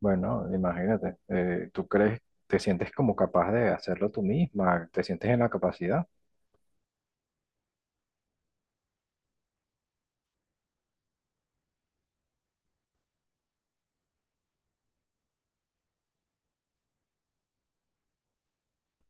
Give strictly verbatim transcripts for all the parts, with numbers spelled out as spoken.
Bueno, imagínate, eh, ¿tú crees, te sientes como capaz de hacerlo tú misma? ¿Te sientes en la capacidad?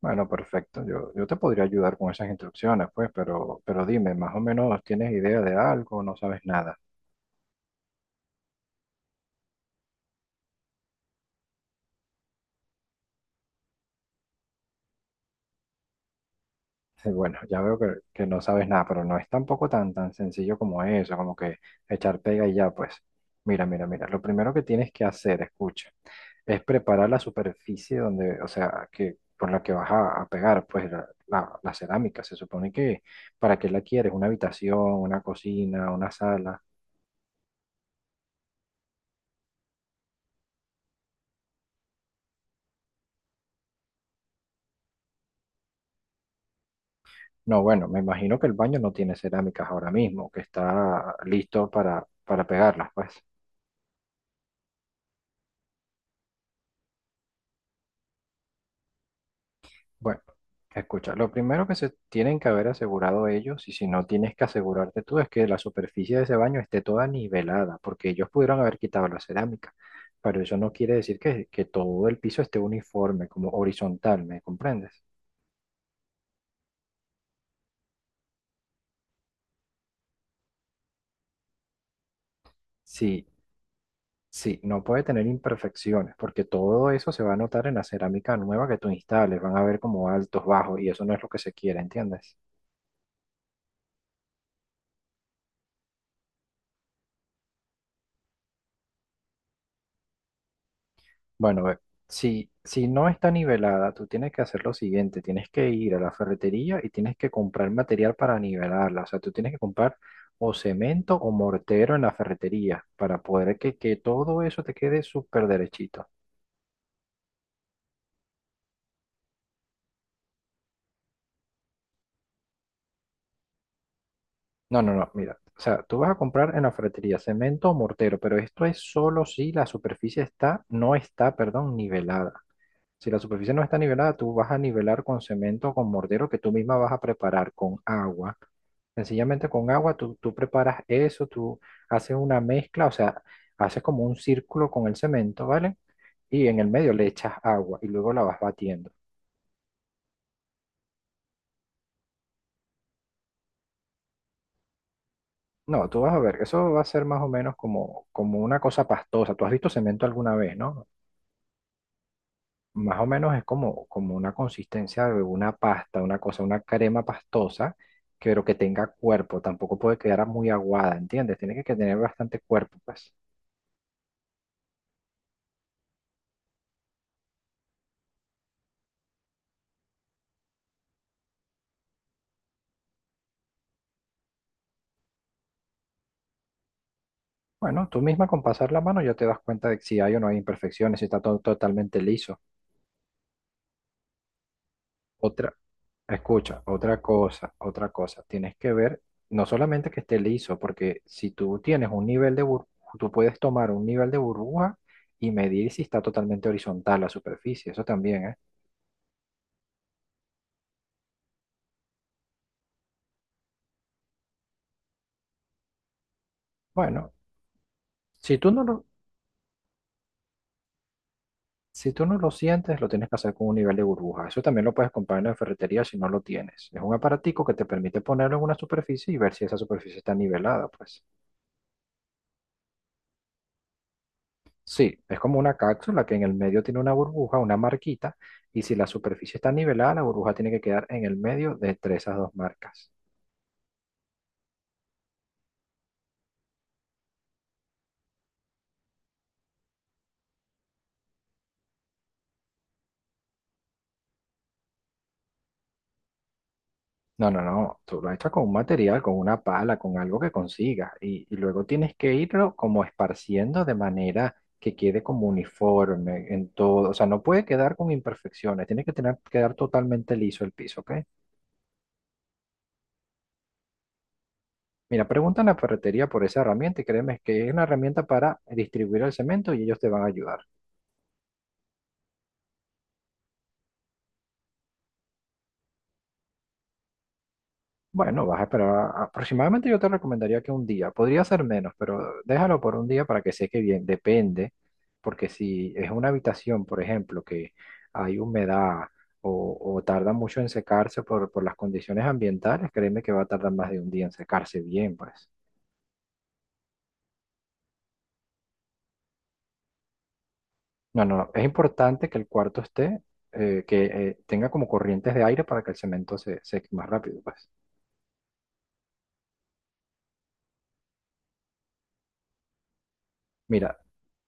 Bueno, perfecto, yo, yo te podría ayudar con esas instrucciones, pues, pero, pero dime, ¿más o menos tienes idea de algo o no sabes nada? Bueno, ya veo que, que no sabes nada, pero no es tampoco tan, tan sencillo como eso, como que echar pega y ya, pues. Mira, mira, mira, lo primero que tienes que hacer, escucha, es preparar la superficie donde, o sea, que por la que vas a, a pegar, pues la, la- la cerámica. Se supone que para qué la quieres, una habitación, una cocina, una sala. No, bueno, me imagino que el baño no tiene cerámicas ahora mismo, que está listo para, para pegarlas, pues. Bueno, escucha, lo primero que se tienen que haber asegurado ellos, y si no tienes que asegurarte tú, es que la superficie de ese baño esté toda nivelada, porque ellos pudieron haber quitado la cerámica, pero eso no quiere decir que, que todo el piso esté uniforme, como horizontal, ¿me comprendes? Sí, sí, no puede tener imperfecciones, porque todo eso se va a notar en la cerámica nueva que tú instales, van a ver como altos, bajos, y eso no es lo que se quiere, ¿entiendes? Bueno, ve, si, si no está nivelada, tú tienes que hacer lo siguiente, tienes que ir a la ferretería y tienes que comprar material para nivelarla, o sea, tú tienes que comprar o cemento o mortero en la ferretería para poder que, que todo eso te quede súper derechito. No, no, no, mira, o sea, tú vas a comprar en la ferretería cemento o mortero, pero esto es solo si la superficie está, no está, perdón, nivelada. Si la superficie no está nivelada, tú vas a nivelar con cemento o con mortero que tú misma vas a preparar con agua. Sencillamente con agua, tú, tú preparas eso, tú haces una mezcla, o sea, haces como un círculo con el cemento, ¿vale? Y en el medio le echas agua y luego la vas batiendo. No, tú vas a ver, eso va a ser más o menos como, como una cosa pastosa. Tú has visto cemento alguna vez, ¿no? Más o menos es como, como una consistencia de una pasta, una cosa, una crema pastosa, que- pero que tenga cuerpo, tampoco puede quedar muy aguada, ¿entiendes? Tiene que que tener bastante cuerpo, pues. Bueno, tú misma con pasar la mano ya te das cuenta de si hay o no hay imperfecciones, si está todo totalmente liso. Otra, escucha, otra cosa, otra cosa, tienes que ver no solamente que esté liso, porque si tú tienes un nivel de burbuja, tú puedes tomar un nivel de burbuja y medir si está totalmente horizontal la superficie, eso también, ¿eh? Bueno, Si tú no lo, si tú no lo sientes, lo tienes que hacer con un nivel de burbuja. Eso también lo puedes comprar en la ferretería si no lo tienes. Es un aparatico que te permite ponerlo en una superficie y ver si esa superficie está nivelada, pues. Sí, es como una cápsula que en el medio tiene una burbuja, una marquita, y si la superficie está nivelada, la burbuja tiene que quedar en el medio de entre esas dos marcas. No, no, no, tú lo echas con un material, con una pala, con algo que consigas y, y luego tienes que irlo como esparciendo de manera que quede como uniforme en todo, o sea, no puede quedar con imperfecciones, tiene que tener, quedar totalmente liso el piso, ¿ok? Mira, pregunta en la ferretería por esa herramienta y créeme que es una herramienta para distribuir el cemento y ellos te van a ayudar. Bueno, vas a esperar aproximadamente, yo te recomendaría que un día, podría ser menos, pero déjalo por un día para que seque bien, depende, porque si es una habitación, por ejemplo, que hay humedad o, o tarda mucho en secarse por, por las condiciones ambientales, créeme que va a tardar más de un día en secarse bien, pues. No, no, no, es importante que el cuarto esté, eh, que eh, tenga como corrientes de aire para que el cemento se seque más rápido, pues. Mira,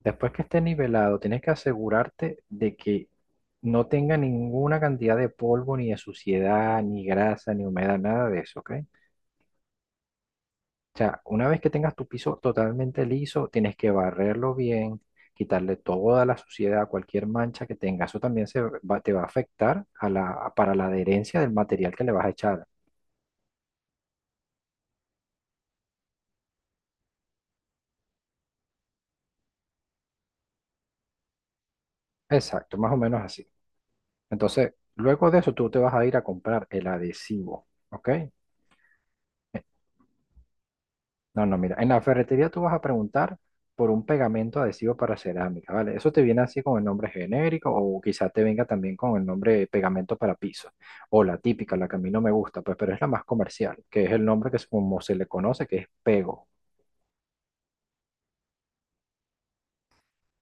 después que esté nivelado, tienes que asegurarte de que no tenga ninguna cantidad de polvo, ni de suciedad, ni grasa, ni humedad, nada de eso, ¿ok? O sea, una vez que tengas tu piso totalmente liso, tienes que barrerlo bien, quitarle toda la suciedad, cualquier mancha que tenga. Eso también se va- te va a afectar a la, para la adherencia del material que le vas a echar. Exacto, más o menos así. Entonces, luego de eso, tú te vas a ir a comprar el adhesivo, ¿ok? No, no, mira, en la ferretería tú vas a preguntar por un pegamento adhesivo para cerámica, ¿vale? Eso te viene así con el nombre genérico o quizá te venga también con el nombre de pegamento para piso o la típica, la que a mí no me gusta, pues, pero es la más comercial, que es el nombre que es como se le conoce, que es pego.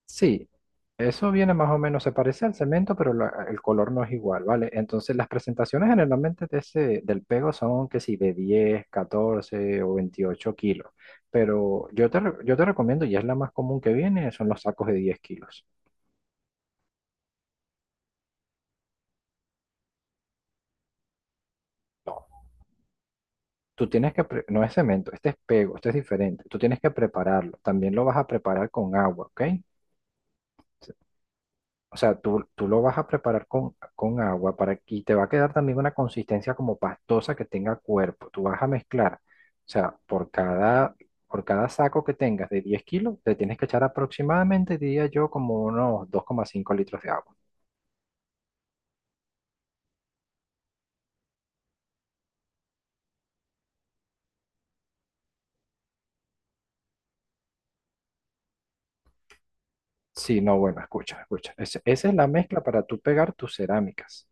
Sí, eso viene más o menos, se parece al cemento, pero la- el color no es igual, ¿vale? Entonces las presentaciones generalmente de ese, del pego son que si de diez, catorce o veintiocho kilos, pero yo te, re- yo te recomiendo, y es la más común que viene, son los sacos de diez kilos. No, tú tienes que, pre- no es cemento, este es pego, este es diferente, tú tienes que prepararlo, también lo vas a preparar con agua, ¿ok? O sea, tú, tú lo vas a preparar con, con agua para, y te va a quedar también una consistencia como pastosa que tenga cuerpo. Tú vas a mezclar, o sea, por cada, por cada saco que tengas de diez kilos, te tienes que echar aproximadamente, diría yo, como unos dos coma cinco litros de agua. Sí, no, bueno, escucha, escucha. Ese- esa es la mezcla para tú pegar tus cerámicas.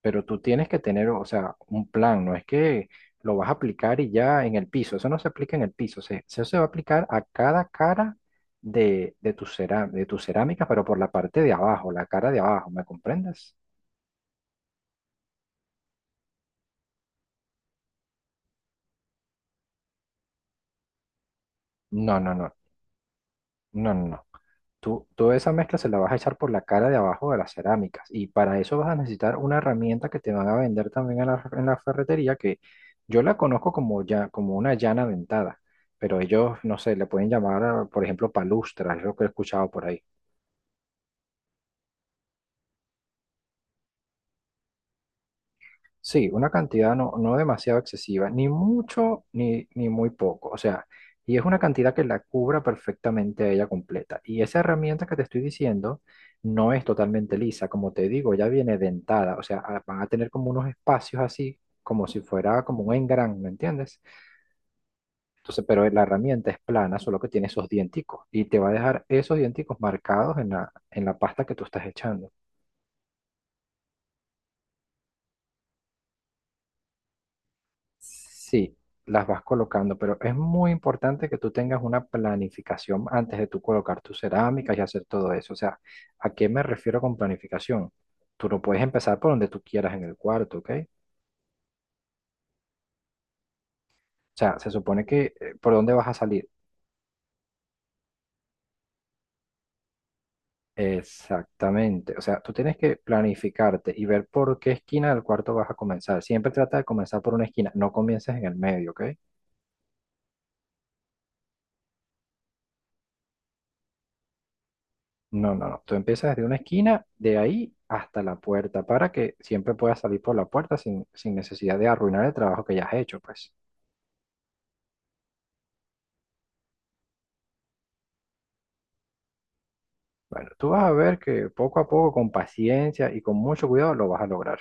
Pero tú tienes que tener, o sea, un plan, no es que lo vas a aplicar y ya en el piso, eso no se aplica en el piso, se, eso se va a aplicar a cada cara de, de tu cerá- de tu cerámica, pero por la parte de abajo, la cara de abajo, ¿me comprendes? No, no, no, no, no, no. Tú, toda esa mezcla se la vas a echar por la cara de abajo de las cerámicas y para eso vas a necesitar una herramienta que te van a vender también en la, en la ferretería que yo la conozco como, ya, como una llana dentada, pero ellos, no sé, le pueden llamar, a, por ejemplo, palustra, es lo que he escuchado por ahí. Sí, una cantidad no, no demasiado excesiva, ni mucho ni, ni muy poco. O sea, y es una cantidad que la cubra perfectamente a ella completa. Y esa herramienta que te estoy diciendo no es totalmente lisa, como te digo, ya viene dentada. O sea, a- van a tener como unos espacios así, como si fuera como un engran, ¿me entiendes? Entonces, pero la herramienta es plana, solo que tiene esos dienticos. Y te va a dejar esos dienticos marcados en la, en la pasta que tú estás echando. Sí, las vas colocando, pero es muy importante que tú tengas una planificación antes de tú colocar tus cerámicas y hacer todo eso. O sea, ¿a qué me refiero con planificación? Tú no puedes empezar por donde tú quieras en el cuarto, ¿ok? O sea, se supone que eh, por dónde vas a salir. Exactamente. O sea, tú tienes que planificarte y ver por qué esquina del cuarto vas a comenzar. Siempre trata de comenzar por una esquina, no comiences en el medio, ¿ok? No, no, no. Tú empiezas desde una esquina, de ahí hasta la puerta, para que siempre puedas salir por la puerta sin, sin necesidad de arruinar el trabajo que ya has hecho, pues. Bueno, tú vas a ver que poco a poco, con paciencia y con mucho cuidado, lo vas a lograr.